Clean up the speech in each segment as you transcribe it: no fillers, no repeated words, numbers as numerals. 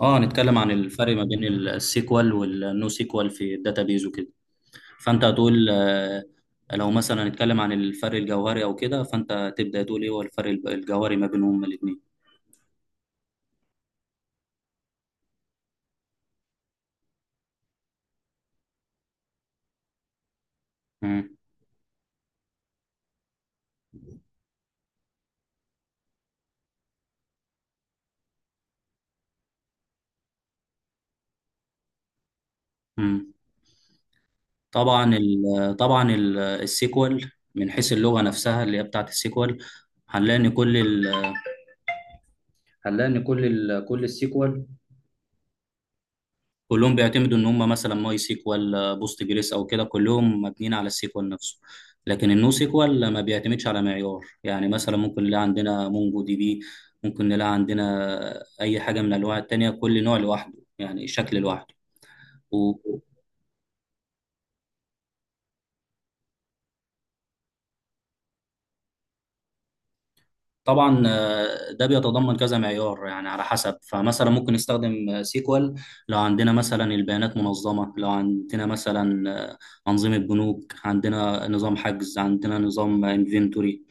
اه، هنتكلم عن الفرق ما بين السيكوال والنو سيكوال في الداتابيز وكده. فانت هتقول لو مثلا هنتكلم عن الفرق الجوهري او كده، فانت تبدا تقول ايه هو الفرق الجوهري ما بينهم هما الاثنين. مم. مم. طبعا ال السيكوال من حيث اللغه نفسها اللي هي بتاعت السيكوال، هنلاقي ان كل ال هنلاقي ان كل ال كل السيكوال كلهم بيعتمدوا ان هم مثلا ماي سيكوال، بوست جريس او كده، كلهم مبنيين على السيكوال نفسه. لكن النو سيكوال ما بيعتمدش على معيار، يعني مثلا ممكن نلاقي عندنا مونجو دي بي، ممكن نلاقي عندنا اي حاجه من الانواع التانية، كل نوع لوحده يعني شكل لوحده. وطبعا ده بيتضمن كذا معيار يعني على حسب، فمثلا ممكن نستخدم سيكوال لو عندنا مثلا البيانات منظمه، لو عندنا مثلا آه، انظمه بنوك، عندنا نظام حجز، عندنا نظام انفنتوري،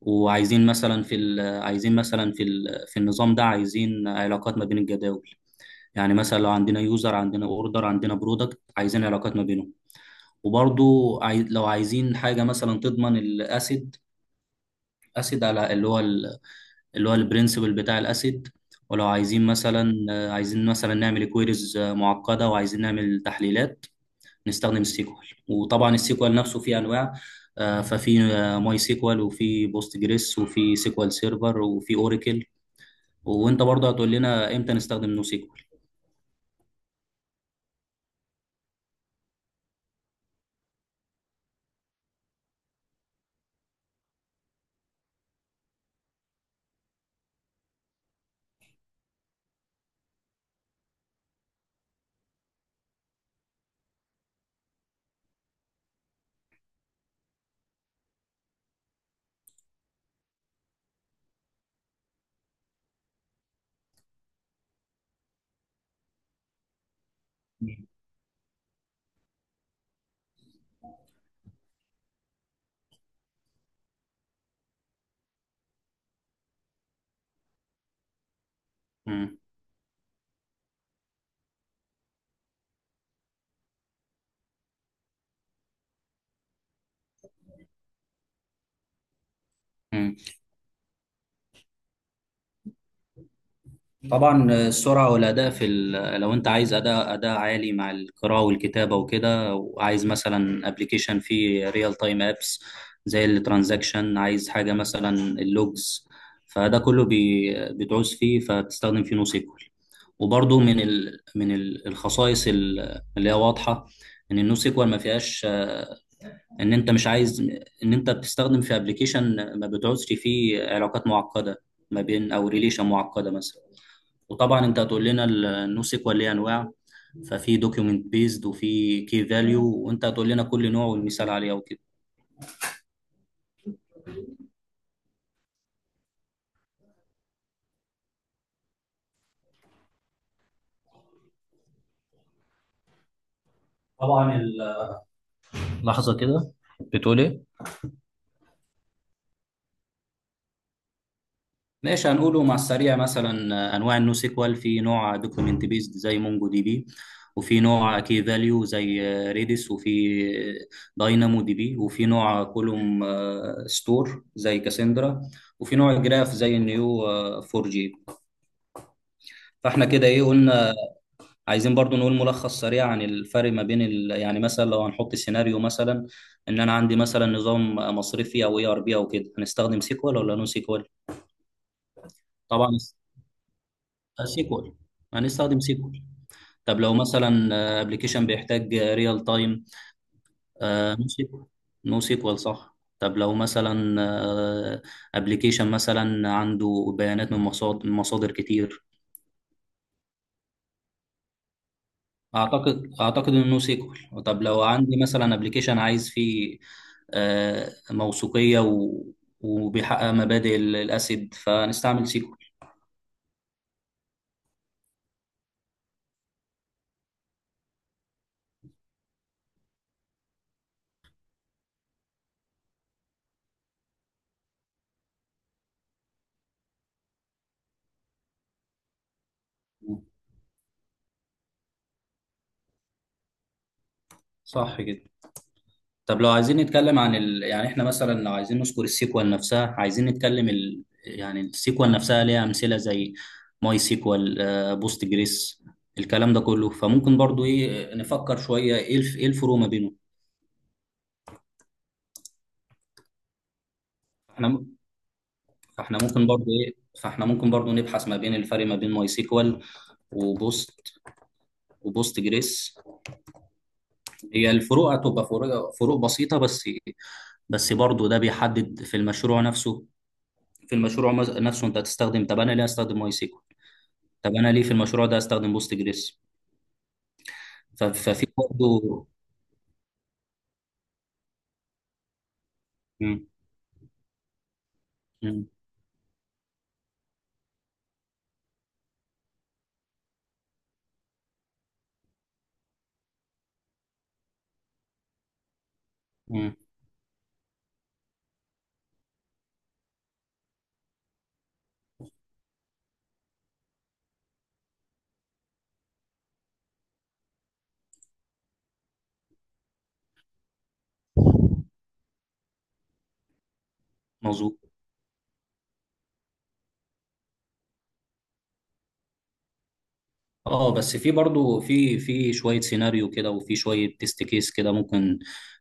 وعايزين مثلا في ال- عايزين مثلا في ال- في النظام ده عايزين علاقات ما بين الجداول. يعني مثلا لو عندنا يوزر، عندنا اوردر، عندنا برودكت، عايزين علاقات ما بينهم. وبرضو لو عايزين حاجه مثلا تضمن الاسيد، اسيد على اللي هو اللي هو البرنسبل بتاع الاسيد. ولو عايزين مثلا، نعمل كويريز معقده وعايزين نعمل تحليلات، نستخدم السيكوال. وطبعا السيكوال نفسه فيه انواع، ففي ماي سيكوال وفي بوست جريس وفي سيكوال سيرفر وفي اوراكل. وانت برضه هتقول لنا امتى نستخدم نو سيكوال. مم. مم. طبعا السرعه والاداء لو انت عايز اداء عالي مع القراءه والكتابه وكده، وعايز مثلا ابلكيشن فيه ريال تايم ابس زي الترانزاكشن، عايز حاجه مثلا اللوجز، فده كله بتعوز فيه، فبتستخدم فيه نو سيكوال. وبرضه الخصائص اللي هي واضحه ان النو سيكوال ما فيهاش، ان انت مش عايز ان انت بتستخدم في ابلكيشن ما بتعوزش فيه علاقات معقده ما بين او ريليشن معقده مثلا. وطبعا انت هتقول لنا النو سيكوال ليه انواع، ففي دوكيومنت بيزد وفي كي فاليو، وانت هتقول لنا كل نوع والمثال عليه وكده. طبعا. اللحظه كده بتقول ايه؟ ماشي، هنقوله مع السريع مثلا. انواع النو سيكوال: في نوع دوكيومنت بيزد زي مونجو دي بي، وفي نوع كي فاليو زي ريدس، وفي داينامو دي بي، وفي نوع كولوم ستور زي كاسندرا، وفي نوع جراف زي النيو 4 جي. فاحنا كده ايه قلنا؟ عايزين برضو نقول ملخص سريع عن الفرق ما بين يعني مثلا لو هنحط سيناريو مثلا، ان انا عندي مثلا نظام مصرفي او اي ار بي او كده، هنستخدم سيكوال ولا نو سيكوال؟ طبعا. سيكوال. هنستخدم سيكوال. طب لو مثلا ابلكيشن بيحتاج ريال تايم، نو سيكوال. نو سيكوال، صح. طب لو مثلا ابلكيشن مثلا عنده بيانات من مصادر كتير، اعتقد انه نو سيكوال. طب لو عندي مثلا ابلكيشن عايز فيه موثوقية وبيحقق مبادئ الاسيد، فنستعمل سيكوال. صح كده. طب لو عايزين نتكلم عن يعني احنا مثلا لو عايزين نذكر السيكوال نفسها، عايزين نتكلم يعني السيكوال نفسها ليها امثله زي ماي سيكوال، بوست جريس، الكلام ده كله، فممكن برضو ايه نفكر شويه ايه ايه الفروق ما بينهم. احنا م- فاحنا ممكن برضو ايه، فاحنا ممكن برضو نبحث ما بين الفرق ما بين ماي سيكوال وبوست وبوست جريس. هي الفروق هتبقى فروق بسيطه بس، بس برضو ده بيحدد في المشروع نفسه. في المشروع نفسه انت هتستخدم. طب انا ليه استخدم ماي سيكوال؟ طب انا ليه في المشروع ده استخدم بوست جريس؟ ففي برضه. مم، مم، مم، مظبوط. اه بس في برضه، في شويه سيناريو كده وفي شويه تيست كيس كده، ممكن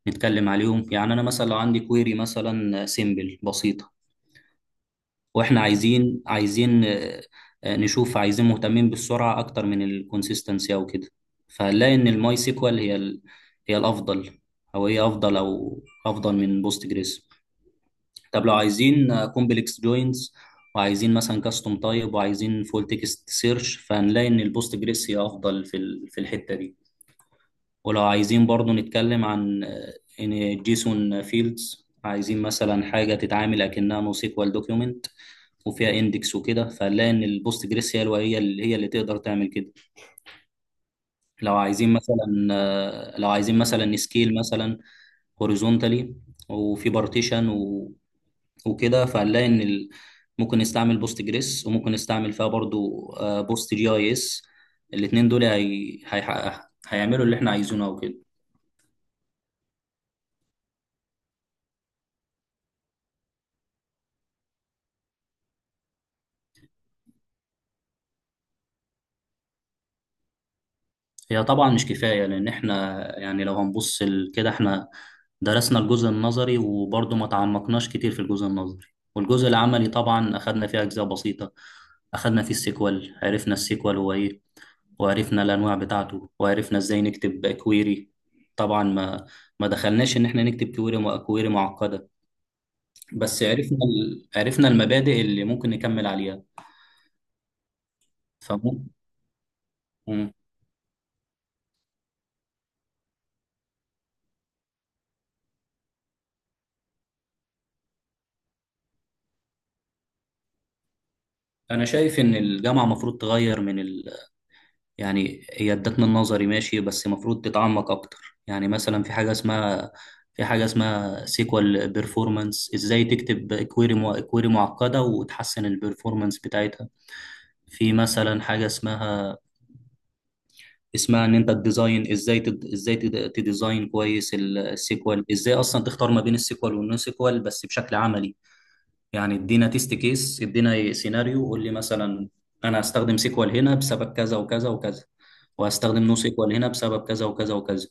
نتكلم عليهم. يعني انا مثلا لو عندي كويري مثلا سيمبل بسيطه، واحنا عايزين نشوف، عايزين مهتمين بالسرعه اكتر من الكونسيستنسي او كده، فهنلاقي ان الماي سيكوال هي الافضل، او هي افضل او افضل من بوست جريس. طب لو عايزين كومبلكس جوينز، وعايزين مثلا كاستم تايب، وعايزين فول تكست سيرش، فهنلاقي ان البوست جريس هي افضل في الحته دي. ولو عايزين برضو نتكلم عن ان جيسون فيلدز، عايزين مثلا حاجه تتعامل اكنها نو سيكوال دوكيومنت وفيها اندكس وكده، فهنلاقي ان البوست جريس هي اللي تقدر تعمل كده. لو عايزين مثلا سكيل مثلا هوريزونتالي وفي بارتيشن وكده، فهنلاقي ان ممكن نستعمل بوست جريس، وممكن نستعمل فيها برضو بوست جي اي اس. الاتنين دول هي... هيحقق هيعملوا اللي احنا عايزينه او كده. هي طبعا مش كفاية، لان احنا يعني لو هنبص كده، احنا درسنا الجزء النظري، وبرضو ما تعمقناش كتير في الجزء النظري، والجزء العملي طبعا اخدنا فيه اجزاء بسيطة، اخدنا فيه السيكوال، عرفنا السيكوال هو ايه، وعرفنا الانواع بتاعته، وعرفنا ازاي نكتب كويري. طبعا ما دخلناش ان احنا نكتب كويري معقده، بس عرفنا عرفنا المبادئ اللي ممكن نكمل عليها، فممكن. انا شايف ان الجامعه المفروض تغير يعني هي ادتنا النظري ماشي، بس المفروض تتعمق اكتر. يعني مثلا في حاجه اسمها، سيكوال بيرفورمانس، ازاي تكتب كويري كويري معقده وتحسن البيرفورمانس بتاعتها. في مثلا حاجه اسمها، ان انت الديزاين، ازاي تديزاين كويس السيكوال، ازاي اصلا تختار ما بين السيكوال والنو سيكوال بس بشكل عملي. يعني ادينا تيست كيس، ادينا سيناريو، قول لي مثلا انا هستخدم سيكوال هنا بسبب كذا وكذا وكذا، وهستخدم نو سيكوال هنا بسبب كذا وكذا وكذا.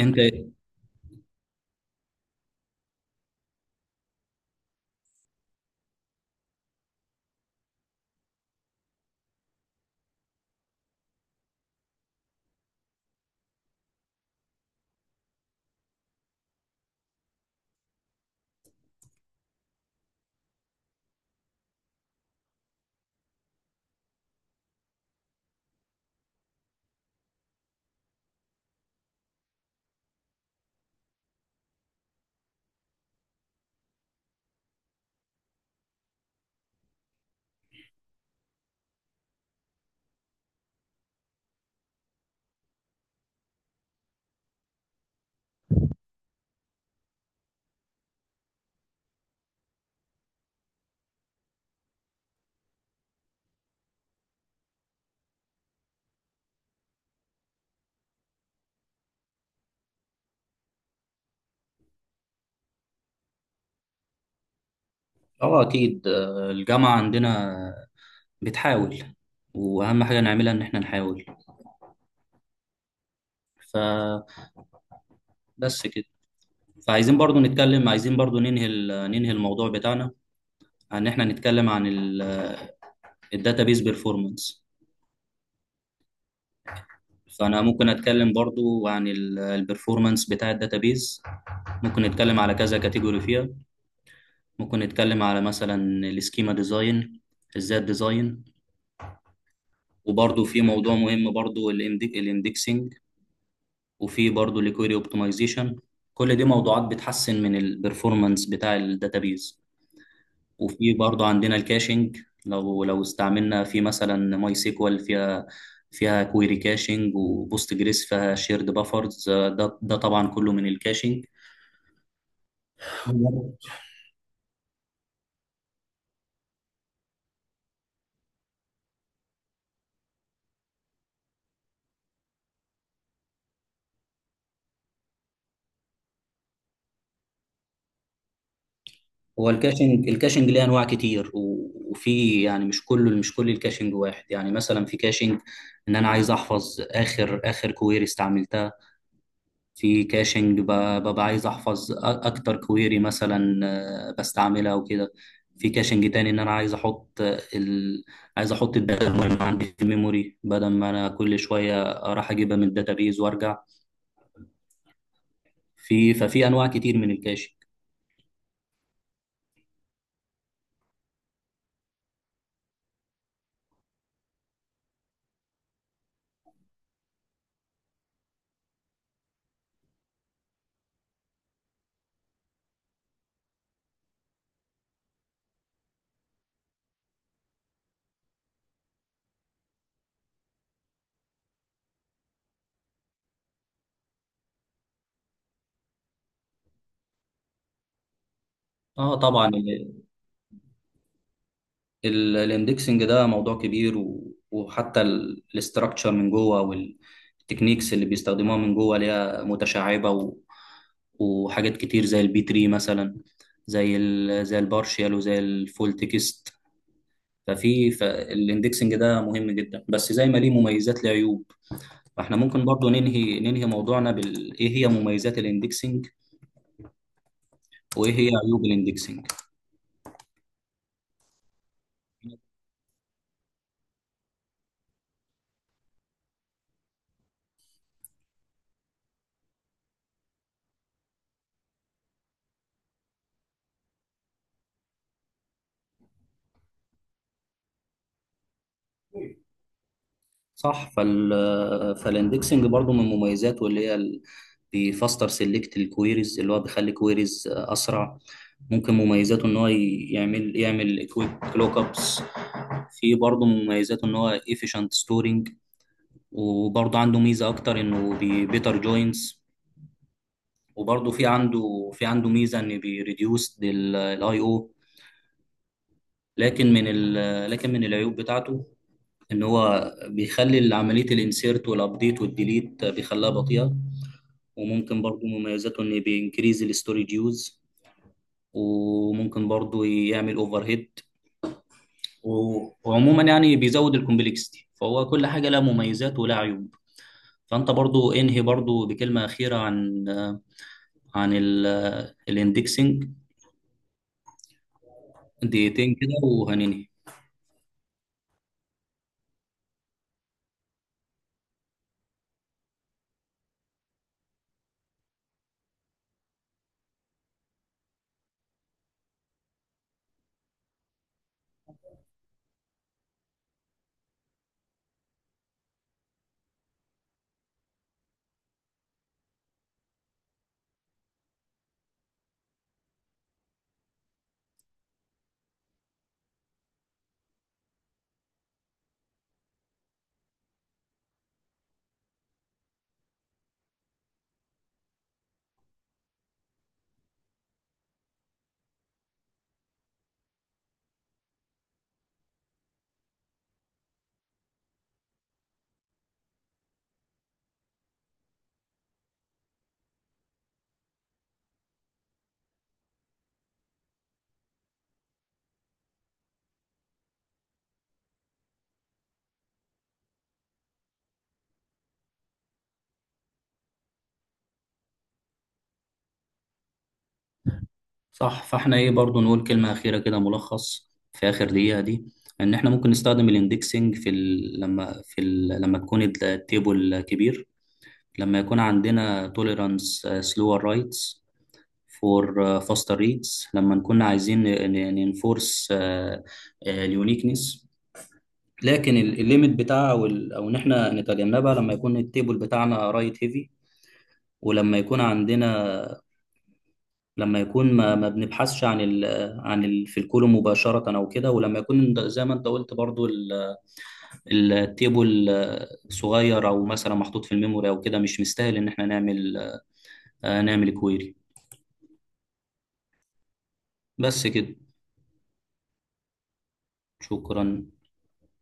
انت. اه، اكيد. الجامعة عندنا بتحاول، واهم حاجة نعملها ان احنا نحاول. فبس كده. فعايزين برضو نتكلم، عايزين برضو ننهي ننهي الموضوع بتاعنا، ان احنا نتكلم عن الداتابيز بيرفورمانس. فانا ممكن اتكلم برضو عن البرفورمانس بتاع الداتابيز. ممكن نتكلم على كذا كاتيجوري فيها. ممكن نتكلم على مثلا السكيما ديزاين، ازاي الديزاين، وبرضو في موضوع مهم برضو الاندكسنج، وفي برضو الكويري اوبتمايزيشن. كل دي موضوعات بتحسن من البرفورمانس بتاع الداتابيز. وفي برضه عندنا الكاشنج. لو استعملنا في مثلا ماي سيكوال، فيها كويري كاشنج، وبوست جريس فيها شيرد بافرز، ده طبعا كله من الكاشنج. هو هو الكاشنج ليه انواع كتير، وفي يعني مش كل الكاشنج واحد. يعني مثلا في كاشنج ان انا عايز احفظ اخر كويري استعملتها. في كاشنج ببقى عايز احفظ اكتر كويري مثلا، بستعملها وكده. في كاشنج تاني ان انا عايز احط عايز احط الداتا المهمه عندي في الميموري، بدل ما انا كل شويه راح اجيبها من الداتابيز وارجع. ففي انواع كتير من الكاشنج. اه طبعا. الاندكسنج ده موضوع كبير، وحتى الاستراكشر من جوه، والتكنيكس اللي بيستخدموها من جوه ليها متشعبة، وحاجات كتير زي البي 3 مثلا، زي ال زي البارشيال وزي الفول تكست. فالاندكسنج ده مهم جدا، بس زي ما ليه مميزات ليه عيوب. فاحنا ممكن برضو ننهي موضوعنا بال ايه هي مميزات الاندكسنج، وايه هي عيوب الاندكسنج. صح. فالاندكسنج برضو من مميزاته اللي هي بيفاستر سيلكت الكويريز، اللي هو بيخلي كويريز اسرع. ممكن مميزاته ان هو يعمل كويك لوك ابس. في برضو مميزاته ان هو efficient ستورنج. وبرضو عنده ميزة اكتر انه بيتر جوينز. وبرضو في عنده ميزة ان بيريديوس الاي او. لكن من ال لكن من العيوب بتاعته ان هو بيخلي عملية الانسيرت والابديت والديليت بيخليها بطيئة. وممكن برضو مميزاته ان بينكريز الستورج يوز. وممكن برضو يعمل اوفر هيد. وعموما يعني بيزود الكومبلكسيتي. فهو كل حاجه لها مميزات ولها عيوب. فانت برضو انهي برضو بكلمه اخيره عن الاندكسنج. دقيقتين كده وهننهي. صح، فاحنا ايه برضو نقول كلمه اخيره كده، ملخص في اخر دقيقه دي. ان احنا ممكن نستخدم الاندكسنج لما تكون التيبل كبير، لما يكون عندنا tolerance slower rights for faster reads، لما نكون عايزين ننفورس اليونيكنس. لكن الليميت بتاعها أو ان احنا نتجنبها لما يكون التيبل بتاعنا رايت هيفي، ولما يكون عندنا لما يكون ما بنبحثش عن ال عن ال في الكولوم مباشرة او كده، ولما يكون زي ما انت قلت برضو، التيبل صغير او مثلا محطوط في الميموري او كده، مش مستاهل ان احنا نعمل نعمل كويري. بس كده. شكرا.